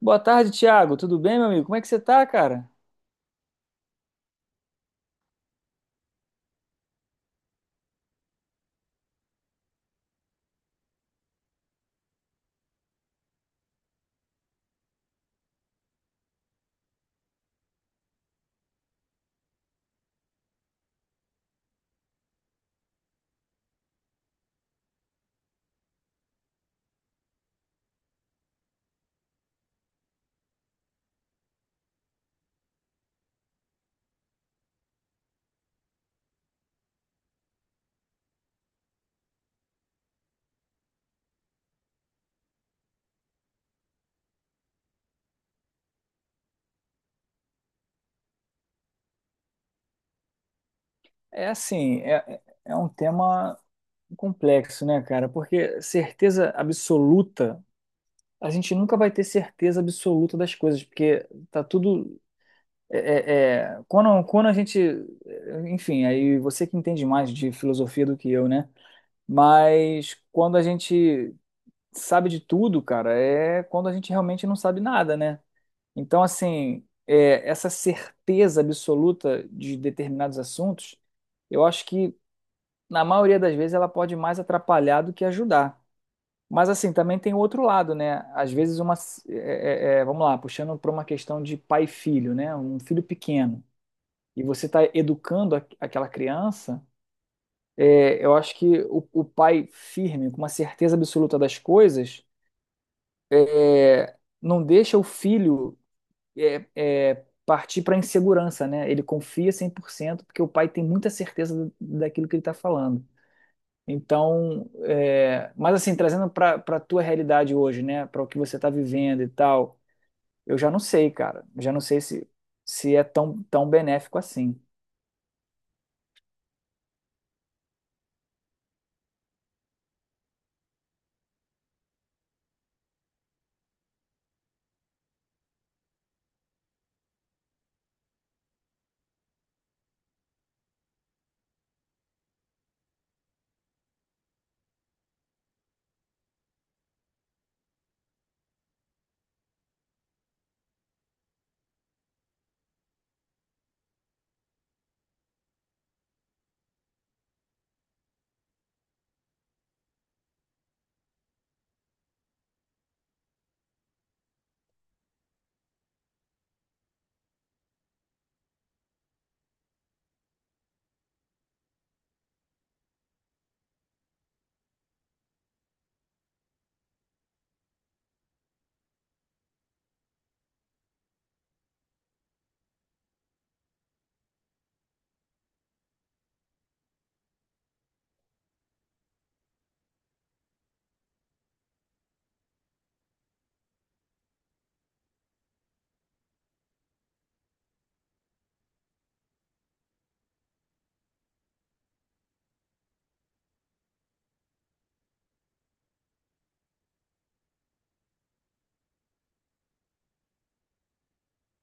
Boa tarde, Thiago. Tudo bem, meu amigo? Como é que você tá, cara? É assim, é um tema complexo, né, cara? Porque certeza absoluta, a gente nunca vai ter certeza absoluta das coisas, porque tá tudo. Quando, quando a gente. Enfim, aí você que entende mais de filosofia do que eu, né? Mas quando a gente sabe de tudo, cara, é quando a gente realmente não sabe nada, né? Então, assim, é, essa certeza absoluta de determinados assuntos, eu acho que, na maioria das vezes, ela pode mais atrapalhar do que ajudar. Mas, assim, também tem o outro lado, né? Às vezes, uma, vamos lá, puxando para uma questão de pai e filho, né? Um filho pequeno. E você está educando aquela criança, é, eu acho que o pai firme, com uma certeza absoluta das coisas, é, não deixa o filho partir para a insegurança, né? Ele confia 100% porque o pai tem muita certeza daquilo que ele está falando. Então, é, mas assim, trazendo para a tua realidade hoje, né? Para o que você está vivendo e tal, eu já não sei, cara. Eu já não sei se, se é tão, tão benéfico assim.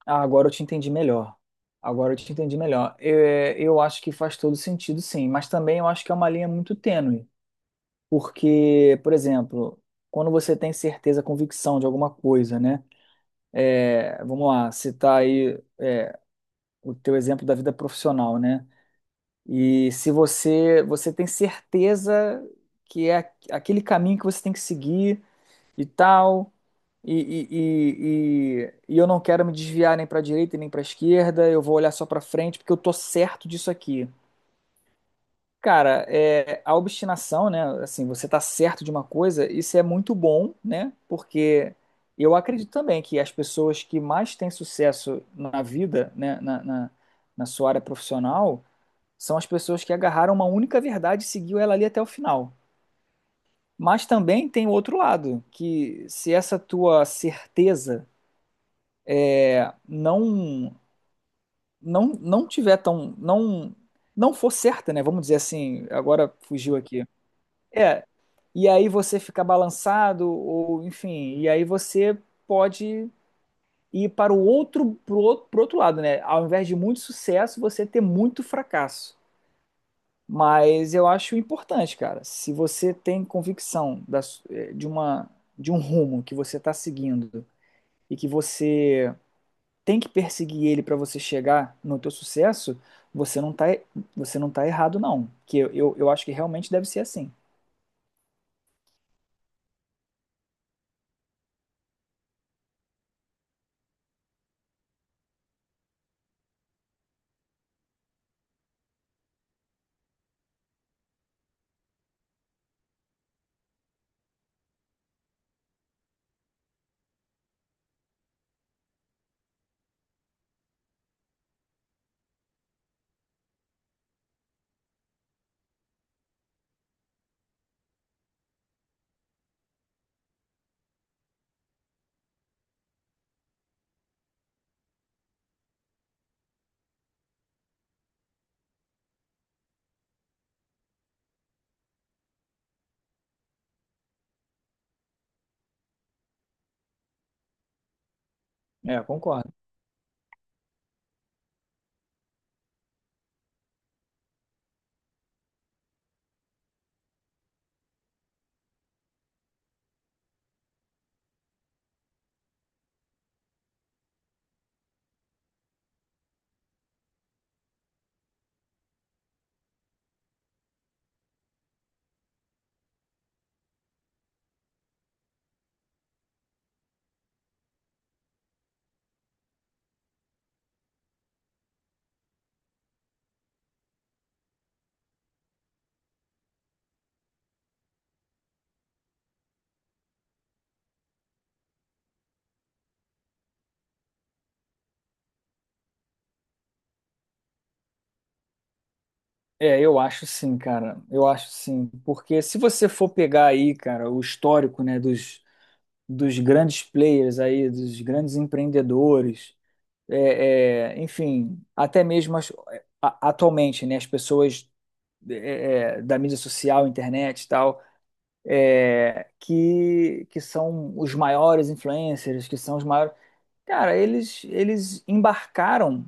Ah, agora eu te entendi melhor. Agora eu te entendi melhor. Eu, é, eu acho que faz todo sentido, sim, mas também eu acho que é uma linha muito tênue. Porque, por exemplo, quando você tem certeza, convicção de alguma coisa, né? É, vamos lá, citar aí o teu exemplo da vida profissional, né? E se você tem certeza que é aquele caminho que você tem que seguir e tal, e, e eu não quero me desviar nem para a direita e nem para a esquerda, eu vou olhar só para frente porque eu tô certo disso aqui. Cara, é, a obstinação, né? Assim, você tá certo de uma coisa, isso é muito bom, né? Porque eu acredito também que as pessoas que mais têm sucesso na vida, né? Na sua área profissional, são as pessoas que agarraram uma única verdade e seguiu ela ali até o final. Mas também tem o outro lado, que se essa tua certeza não não tiver tão, não for certa, né? Vamos dizer assim, agora fugiu aqui. É, e aí você fica balançado, ou enfim, e aí você pode ir para o outro, pro outro lado, né? Ao invés de muito sucesso, você ter muito fracasso. Mas eu acho importante, cara. Se você tem convicção da de uma, de um rumo que você está seguindo e que você tem que perseguir ele para você chegar no teu sucesso, você não tá, você não tá errado, não. Que eu acho que realmente deve ser assim. É, eu concordo. É, eu acho sim, cara. Eu acho sim. Porque se você for pegar aí, cara, o histórico, né, dos grandes players aí, dos grandes empreendedores, enfim, até mesmo atualmente, né, as pessoas é, é, da mídia social, internet e tal, é, que são os maiores influencers, que são os maiores. Cara, eles embarcaram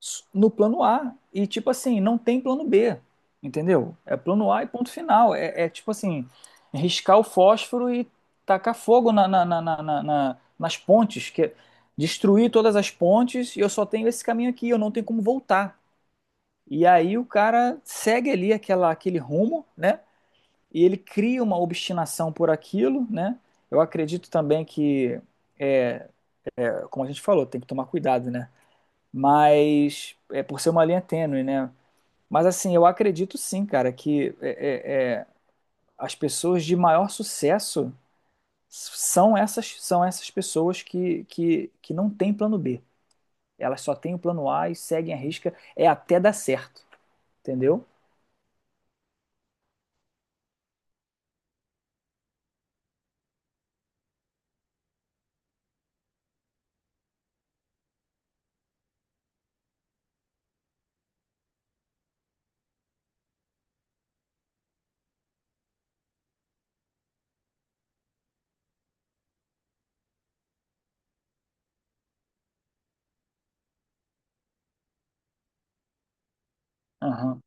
no plano A e tipo assim, não tem plano B, entendeu? É plano A e ponto final. Tipo assim, riscar o fósforo e tacar fogo nas pontes, que é destruir todas as pontes e eu só tenho esse caminho aqui, eu não tenho como voltar. E aí o cara segue ali aquela, aquele rumo, né? E ele cria uma obstinação por aquilo, né? Eu acredito também que, é, como a gente falou, tem que tomar cuidado, né? Mas é por ser uma linha tênue, né? Mas assim, eu acredito sim, cara, que as pessoas de maior sucesso são essas pessoas que não têm plano B. Elas só têm o plano A e seguem a risca, é até dar certo, entendeu? Aham.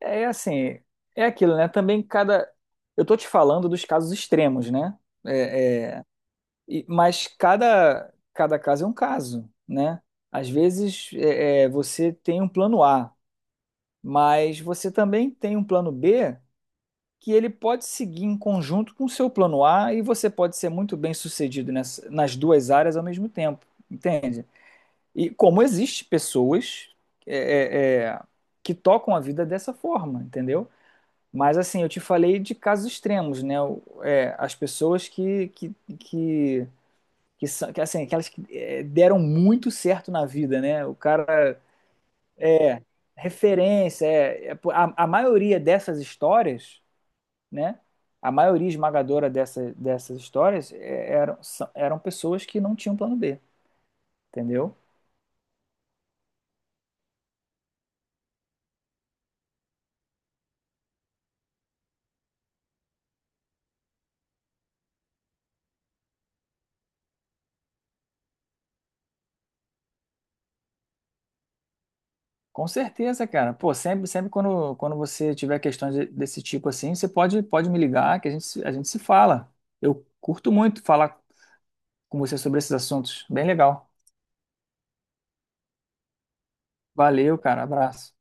É assim, é aquilo, né? Também cada. Eu tô te falando dos casos extremos, né? É, é, e- mas cada caso é um caso, né? Às vezes é, você tem um plano A, mas você também tem um plano B que ele pode seguir em conjunto com o seu plano A e você pode ser muito bem sucedido nas duas áreas ao mesmo tempo, entende? E como existe pessoas é, é, é, que tocam a vida dessa forma, entendeu? Mas assim, eu te falei de casos extremos, né? O- é, as pessoas que que são que, assim, aquelas que é, deram muito certo na vida, né? O cara é referência, é, a maioria dessas histórias, né? A maioria esmagadora dessas histórias é, eram pessoas que não tinham plano B, entendeu? Com certeza, cara. Pô, sempre, sempre quando, quando você tiver questões desse tipo assim, você pode, pode me ligar que a gente, a gente se fala. Eu curto muito falar com você sobre esses assuntos. Bem legal. Valeu, cara. Abraço.